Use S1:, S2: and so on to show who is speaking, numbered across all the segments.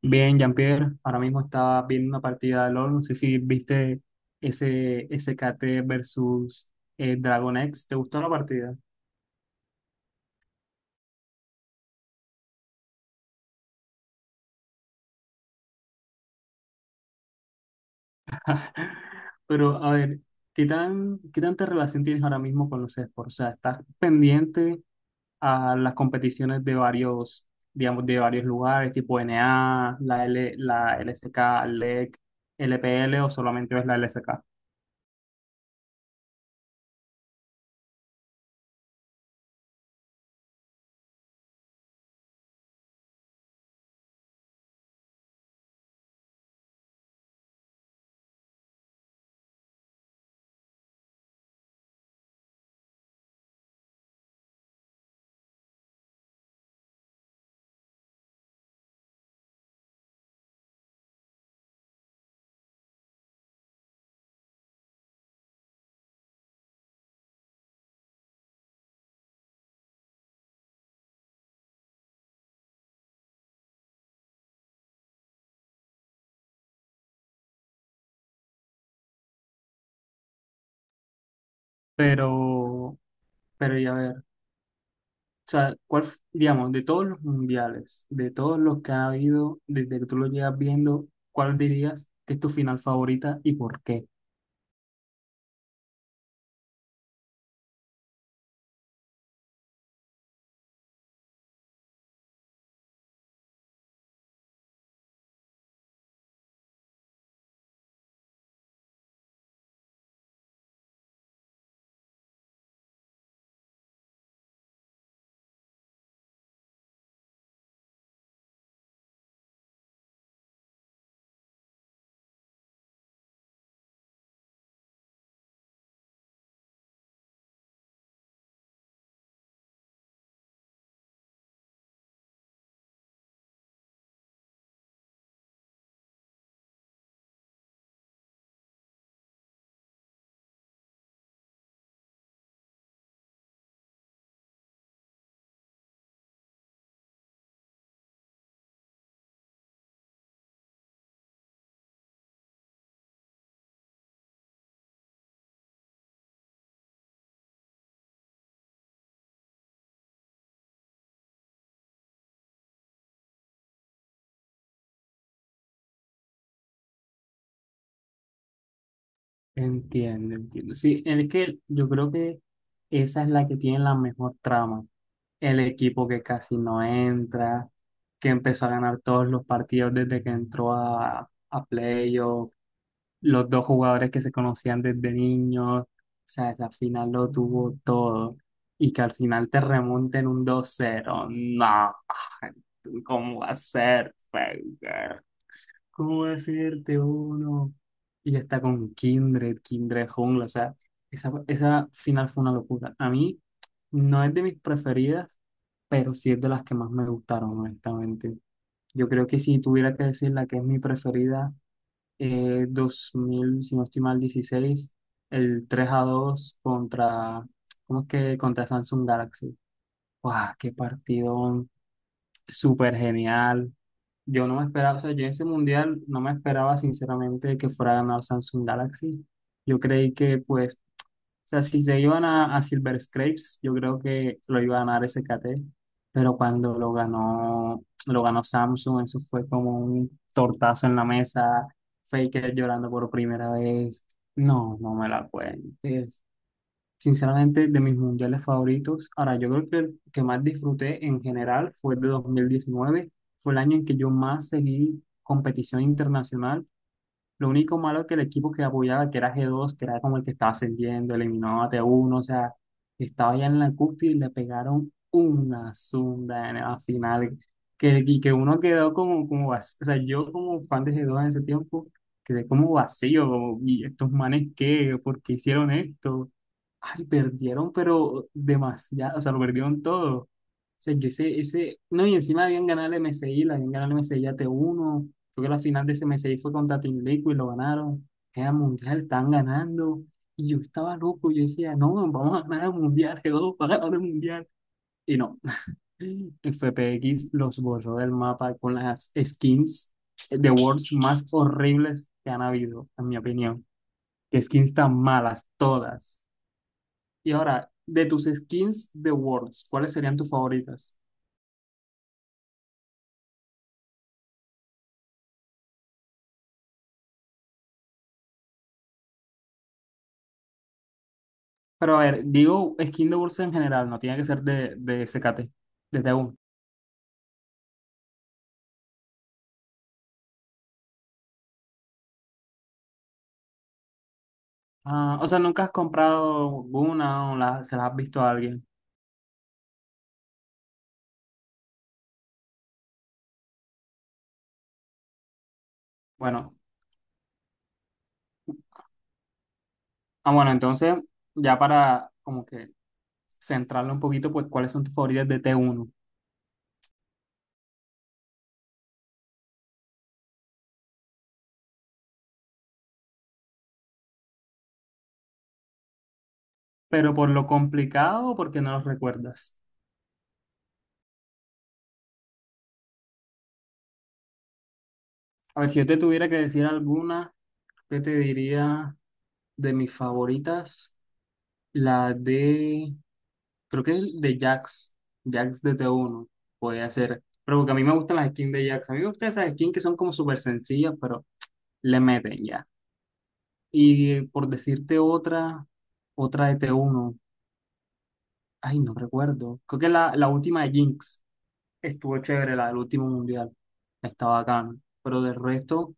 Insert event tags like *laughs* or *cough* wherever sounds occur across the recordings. S1: Bien, Jean-Pierre, ahora mismo estaba viendo una partida de LoL, no sé si viste ese SKT versus Dragon X. ¿Te gustó la partida? Pero a ver, qué tanta relación tienes ahora mismo con los esports? O sea, ¿estás pendiente a las competiciones de varios, digamos, de varios lugares, tipo NA, la LSK, LEC, LPL, o solamente ves la LSK? Pero, pero ya ver. O sea, digamos, de todos los mundiales, de todos los que ha habido, desde que tú lo llevas viendo, ¿cuál dirías que es tu final favorita y por qué? Entiendo, entiendo. Sí, es que yo creo que esa es la que tiene la mejor trama. El equipo que casi no entra, que empezó a ganar todos los partidos desde que entró a playoff, los dos jugadores que se conocían desde niños, o sea, esa final lo tuvo todo. Y que al final te remonten un 2-0, no. *laughs* ¿Cómo va a ser, Wenger? ¿Cómo va a serte uno? Y está con Kindred, Kindred Jungle, o sea, esa final fue una locura. A mí no es de mis preferidas, pero sí es de las que más me gustaron, honestamente. Yo creo que si tuviera que decir la que es mi preferida, dos mil, si no estoy mal, 16, el 3-2 contra, ¿cómo es que? Contra Samsung Galaxy. ¡Wow! ¡Qué partido súper genial! Yo no me esperaba, o sea, yo en ese mundial no me esperaba sinceramente que fuera a ganar Samsung Galaxy. Yo creí que, pues, o sea, si se iban a Silver Scrapes, yo creo que lo iba a ganar SKT, pero cuando lo ganó Samsung. Eso fue como un tortazo en la mesa. Faker llorando por primera vez. No, no me la cuentes. Sinceramente, de mis mundiales favoritos, ahora yo creo que el que más disfruté en general fue el de 2019. Fue el año en que yo más seguí competición internacional. Lo único malo es que el equipo que apoyaba, que era G2, que era como el que estaba ascendiendo, eliminó a T1, o sea, estaba ya en la cúspide y le pegaron una zunda en la final. Que, y que uno quedó como, vacío. O sea, yo como fan de G2 en ese tiempo, quedé como vacío, como, ¿y estos manes qué? ¿Por qué hicieron esto? Ay, perdieron, pero demasiado, o sea, lo perdieron todo. O sea, yo ese, no, y encima habían ganado el MSI, la habían ganado el MSI a T1. Creo que la final de ese CM6 fue contra Team Liquid y lo ganaron. Era mundial, están ganando. Y yo estaba loco, yo decía, no, no, vamos a ganar el mundial, *laughs* que va a ganar el mundial. Y no, *laughs* FPX los borró del mapa con las skins de Worlds más horribles que han habido, en mi opinión. Qué skins tan malas, todas. Y ahora, de tus skins de Worlds, ¿cuáles serían tus favoritas? Pero a ver, digo skin de Worlds en general, no tiene que ser de SKT, desde uno. Ah, o sea, ¿nunca has comprado una o se las has visto a alguien? Bueno, ah, bueno, entonces, ya para como que centrarlo un poquito, pues, ¿cuáles son tus favoritas de T1? Pero por lo complicado, ¿o porque no los recuerdas? A ver, si yo te tuviera que decir alguna, ¿qué te diría de mis favoritas? La de, creo que es de Jax, Jax de T1, podría ser. Pero porque a mí me gustan las skins de Jax. A mí me gustan esas skins que son como súper sencillas, pero le meten. Y por decirte otra, de T1, ay, no recuerdo. Creo que la última de Jinx estuvo chévere, la del último mundial. Está bacana. Pero del resto,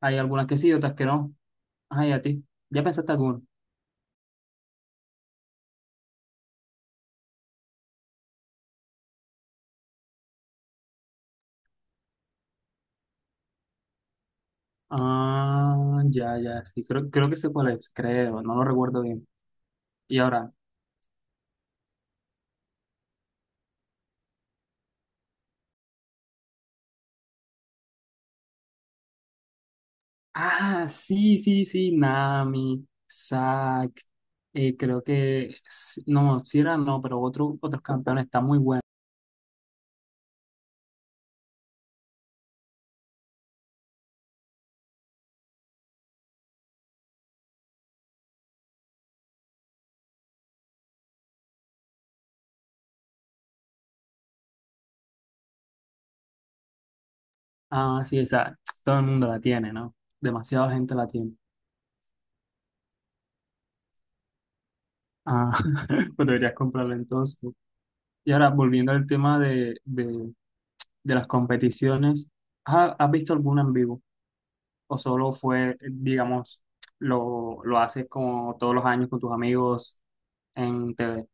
S1: hay algunas que sí, otras que no. Ay, a ti, ¿ya pensaste alguna? Ah, ya, ya, sí. Creo, creo que sé cuál es, creo. No lo recuerdo bien. Y ahora. Ah, sí, sí, sí. Nami, Zack. Creo que, no, si no, pero otros campeones. Está muy bueno. Ah, sí, esa todo el mundo la tiene, ¿no? Demasiada gente la tiene. Ah, *laughs* pues deberías comprarla entonces. Y ahora, volviendo al tema de, de las competiciones, ¿has visto alguna en vivo? ¿O solo fue, digamos, lo haces como todos los años con tus amigos en TV?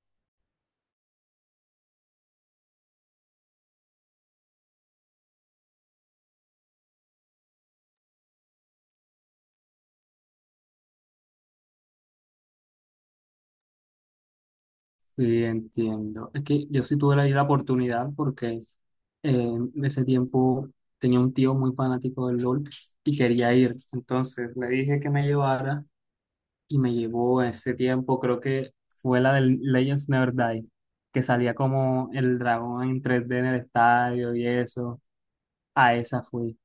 S1: Sí, entiendo. Es que yo sí tuve la oportunidad porque, en ese tiempo tenía un tío muy fanático del LOL y quería ir. Entonces le dije que me llevara y me llevó. En ese tiempo, creo que fue la del Legends Never Die, que salía como el dragón en 3D en el estadio y eso. A esa fui.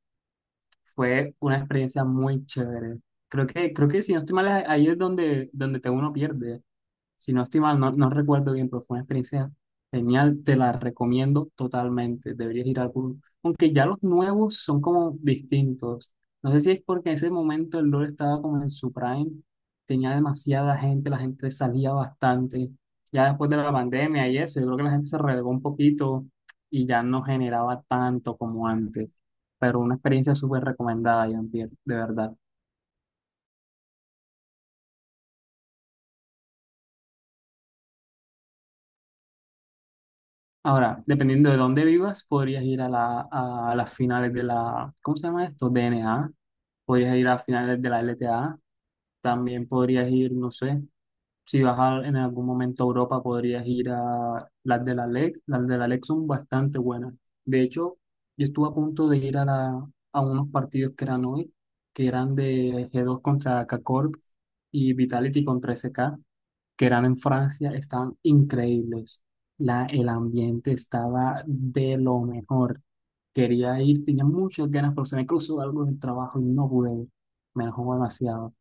S1: Fue una experiencia muy chévere. Creo que si no estoy mal, ahí es donde T1 pierde. Si no estoy mal, no, no recuerdo bien, pero fue una experiencia genial. Te la recomiendo totalmente. Deberías ir a alguno. Aunque ya los nuevos son como distintos. No sé si es porque en ese momento el LoL estaba como en su prime. Tenía demasiada gente, la gente salía bastante. Ya después de la pandemia y eso, yo creo que la gente se relegó un poquito y ya no generaba tanto como antes. Pero una experiencia súper recomendada, John Pierre, de verdad. Ahora, dependiendo de dónde vivas, podrías ir a, a las finales de la, ¿cómo se llama esto? DNA. Podrías ir a finales de la LTA. También podrías ir, no sé, si vas en algún momento a Europa, podrías ir a las de la LEC. Las de la LEC son bastante buenas. De hecho, yo estuve a punto de ir a, a unos partidos que eran hoy, que eran de G2 contra K-Corp y Vitality contra SK, que eran en Francia. Estaban increíbles. El ambiente estaba de lo mejor. Quería ir, tenía muchas ganas, pero se me cruzó algo en el trabajo y no pude ir. Me dejó demasiado.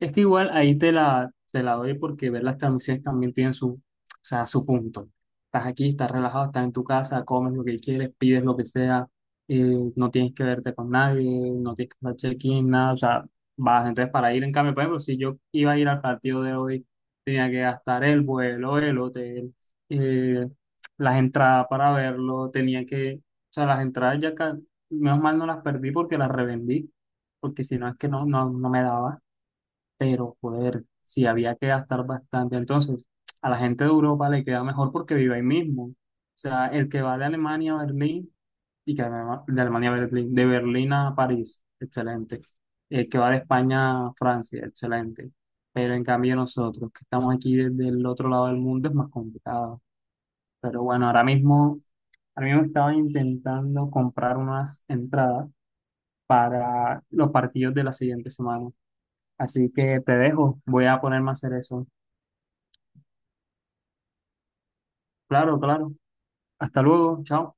S1: Es que igual ahí te la, doy, porque ver las transmisiones también tienen su, o sea, su punto. Estás aquí, estás relajado, estás en tu casa, comes lo que quieres, pides lo que sea, no tienes que verte con nadie, no tienes que hacer check-in, nada, o sea, vas entonces para ir en cambio. Por ejemplo, si yo iba a ir al partido de hoy, tenía que gastar el vuelo, el hotel, eh, las entradas para verlo, tenía que, o sea, las entradas ya, menos mal no las perdí porque las revendí, porque si no es que no, no, no me daba. Pero, joder, sí había que gastar bastante. Entonces, a la gente de Europa le queda mejor porque vive ahí mismo. O sea, el que va de Alemania a Berlín, y que de Alemania a Berlín, de Berlín a París, excelente. El que va de España a Francia, excelente. Pero en cambio nosotros, que estamos aquí desde el otro lado del mundo, es más complicado. Pero bueno, ahora mismo, estaba intentando comprar unas entradas para los partidos de la siguiente semana. Así que te dejo, voy a ponerme a hacer eso. Claro, claro. Hasta luego, chao.